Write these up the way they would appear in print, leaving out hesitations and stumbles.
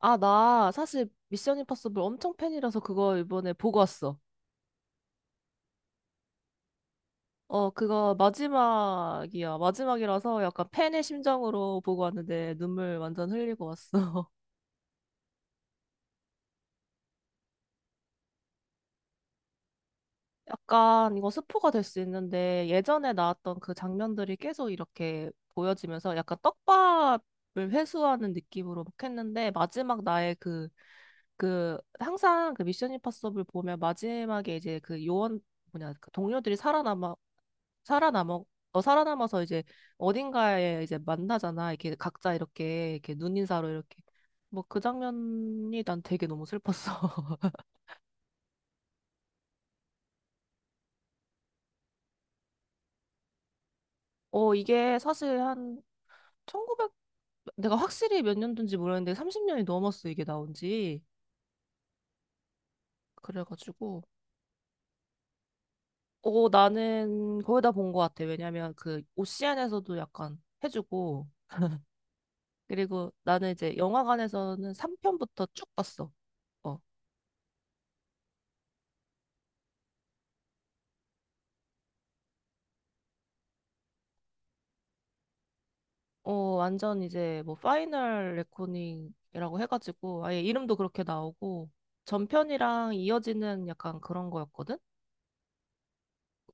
아, 나 사실 미션 임파서블 엄청 팬이라서 그거 이번에 보고 왔어. 어, 그거 마지막이야. 마지막이라서 약간 팬의 심정으로 보고 왔는데 눈물 완전 흘리고 왔어. 약간 이거 스포가 될 수 있는데 예전에 나왔던 그 장면들이 계속 이렇게 보여지면서 약간 떡밥을 회수하는 느낌으로 막 했는데 마지막 나의 그, 그 항상 그 미션 임파서블 보면 마지막에 이제 그 요원 뭐냐 그 동료들이 살아남어 살아남아서 이제 어딘가에 이제 만나잖아. 이렇게 각자 이렇게 눈인사로 이렇게 뭐 그 장면이 난 되게 너무 슬펐어. 이게 사실 한 1900 내가 확실히 몇 년도인지 모르겠는데 30년이 넘었어 이게 나온 지. 그래가지고 나는 거의 다 본 것 같아. 왜냐면 그 오시안에서도 약간 해주고 그리고 나는 이제 영화관에서는 3편부터 쭉 봤어. 어 완전 이제 뭐 파이널 레코닝이라고 해가지고 아예 이름도 그렇게 나오고 전편이랑 이어지는 약간 그런 거였거든?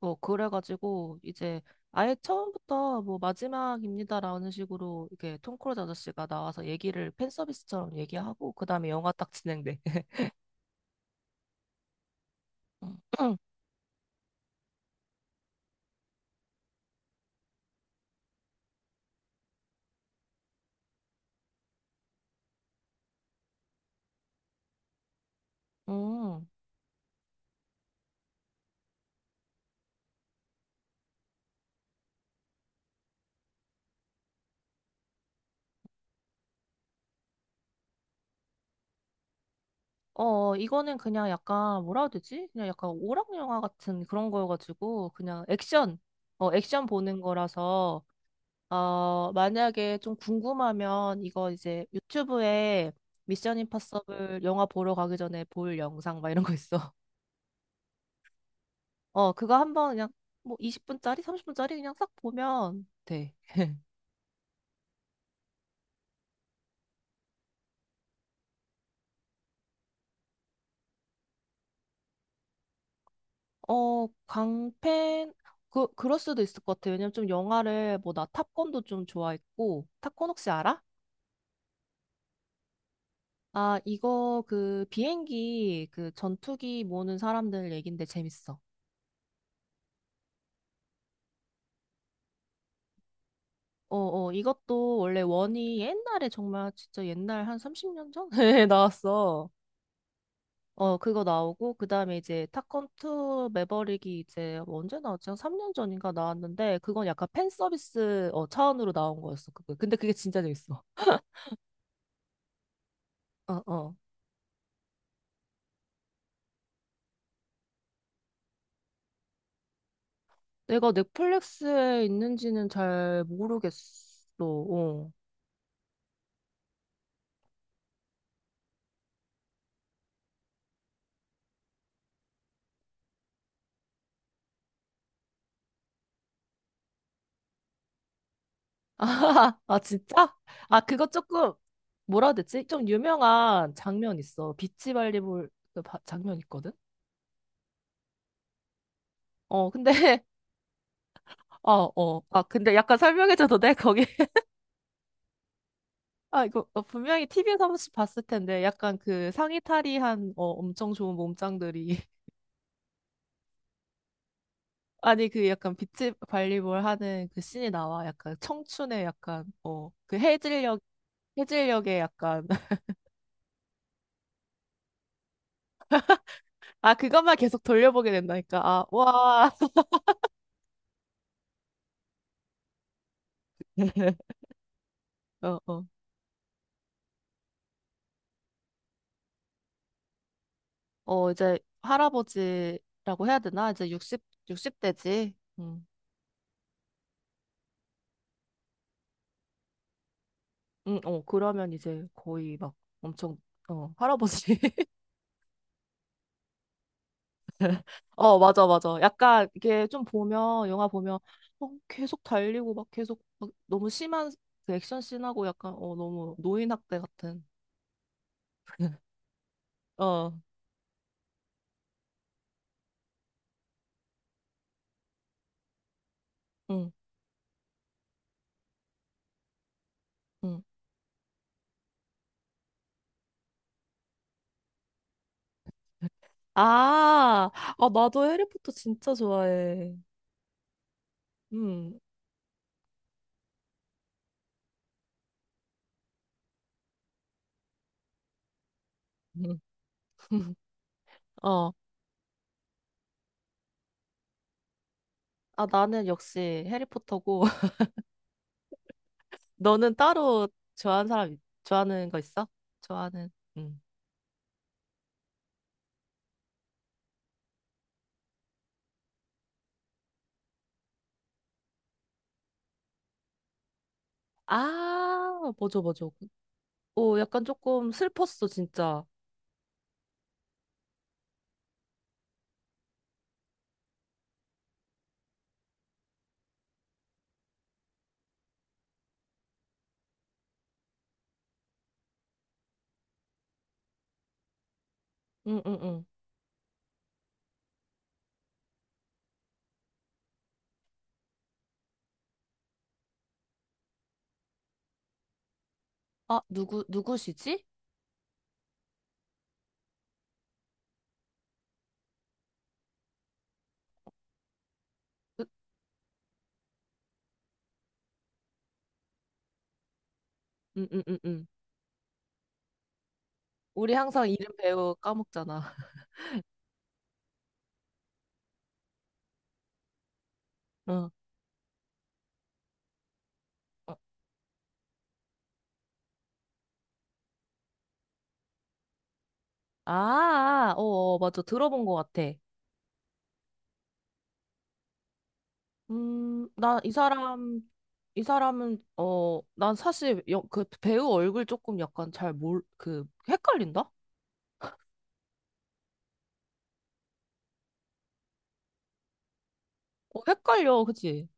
뭐 그래가지고 이제 아예 처음부터 뭐 마지막입니다라는 식으로 이렇게 톰 크루즈 아저씨가 나와서 얘기를 팬 서비스처럼 얘기하고 그다음에 영화 딱 진행돼. 음. 어, 이거는 그냥 약간 뭐라 해야 되지? 그냥 약간 오락 영화 같은 그런 거여가지고 그냥 액션 보는 거라서 어, 만약에 좀 궁금하면 이거 이제 유튜브에 미션 임파서블 영화 보러 가기 전에 볼 영상 막 이런 거 있어. 어, 그거 한번 그냥 뭐 20분짜리, 30분짜리 그냥 싹 보면 돼. 어, 광팬 그럴 수도 있을 것 같아. 왜냐면 좀 영화를 뭐 나 탑건도 좀 좋아했고 탑건 혹시 알아? 아, 이거 그 비행기 그 전투기 모는 사람들 얘긴데 재밌어. 어, 이것도 원래 원이 옛날에 정말 진짜 옛날 한 30년 전에 나왔어. 어, 그거 나오고, 그 다음에 이제 탑건 2 매버릭이 이제 언제 나왔지? 한 3년 전인가 나왔는데, 그건 약간 팬 서비스 차원으로 나온 거였어. 그거. 근데 그게 진짜 재밌어. 어, 어. 내가 넷플릭스에 있는지는 잘 모르겠어. 어. 아, 진짜? 아, 그거 조금, 뭐라 해야 되지? 좀 유명한 장면 있어. 비치 발리볼 그 장면 있거든? 어, 근데, 어, 어. 아, 근데 약간 설명해줘도 돼? 거기. 아, 이거 분명히 TV에서 한 번씩 봤을 텐데, 약간 그 상의 탈의한, 엄청 좋은 몸짱들이. 아니, 그 약간 비치 발리볼 하는 그 씬이 나와. 약간 청춘의 약간, 그 해질녘, 해질녘의 약간. 아, 그것만 계속 돌려보게 된다니까. 아, 와. 어, 어. 어, 이제 할아버지라고 해야 되나? 이제 육십 60대지. 응, 어, 그러면 이제 거의 막 엄청, 할아버지. 어, 맞아, 맞아. 약간 이게 좀 보면, 영화 보면, 어, 계속 달리고 막 계속 막 너무 심한 그 액션 씬하고 약간, 너무 노인학대 같은. 어, 응, 응, 아, 아, 나도 해리포터 진짜 좋아해. 응. 응. 응. 어, 아, 나는 역시 해리포터고, 너는 따로 좋아하는 사람, 좋아하는 거 있어? 좋아하는, 응. 아, 맞아, 맞아. 어, 약간 조금 슬펐어, 진짜. 응, 응, 응. 아, 누구, 누구시지? 으, 응, 응, 응, 응. 우리 항상 이름 배우 까먹잖아. 응. 어. 아, 어, 어, 맞아. 들어본 것 같아. 나 이 사람, 이 사람은, 난 사실 그 배우 얼굴 조금 약간 잘 헷갈린다? 어, 헷갈려, 그치?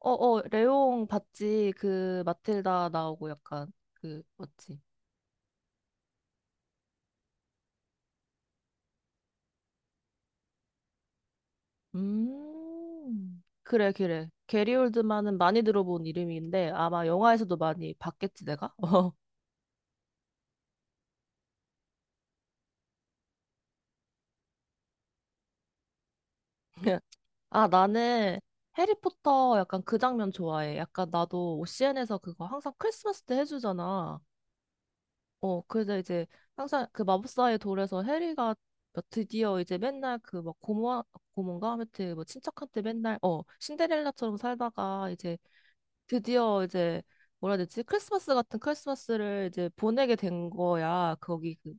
어, 어, 레옹 봤지? 그, 마틸다 나오고 약간, 그, 맞지? 그래, 그래. 게리 올드만은 많이 들어본 이름인데 아마 영화에서도 많이 봤겠지, 내가? 어. 아, 나는 해리포터 약간 그 장면 좋아해. 약간 나도 OCN에서 그거 항상 크리스마스 때 해주잖아. 어, 그래서 이제 항상 그 마법사의 돌에서 해리가 뭐 드디어 이제 맨날 그 막 고모, 고모인가? 아무튼 뭐 친척한테 맨날 신데렐라처럼 살다가 이제 드디어 이제 뭐라 해야 되지? 크리스마스 같은 크리스마스를 이제 보내게 된 거야. 거기 그,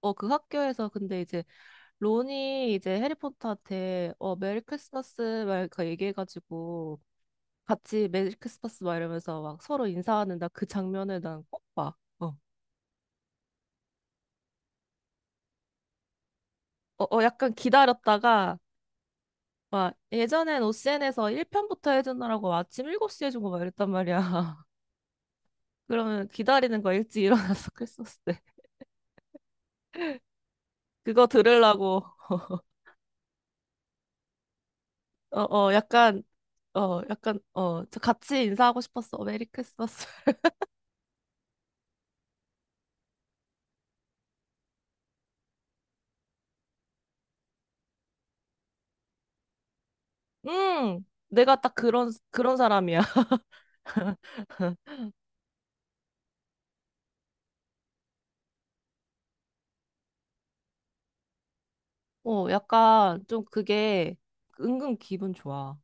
어, 그 학교에서 근데 이제 론이 이제 해리포터한테 메리 크리스마스 막 이렇게 얘기해가지고 같이 메리 크리스마스 막 이러면서 막 서로 인사하는 나 그 장면을 난 꼭 봐. 어. 약간 기다렸다가 막 예전엔 OCN에서 1편부터 해주느라고 아침 7시에 해준 거 막 이랬단 말이야. 그러면 기다리는 거 일찍 일어나서 크리스마스 때 그거 들으려고 어, 약간, 약간, 저 같이 인사하고 싶었어. 메리 크리스마스. 내가 딱 그런 사람이야. 어, 약간 좀 그게 은근 기분 좋아.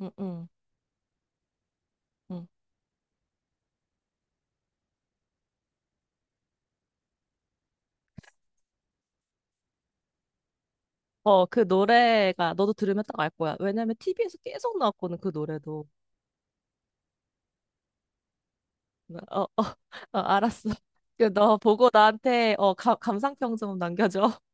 응, 응, 응. 어, 그 노래가 너도 들으면 딱 알 거야. 왜냐면 TV에서 계속 나왔거든, 그 노래도. 어, 어, 어, 알았어. 그 너 보고 나한테 감상평 좀 남겨줘.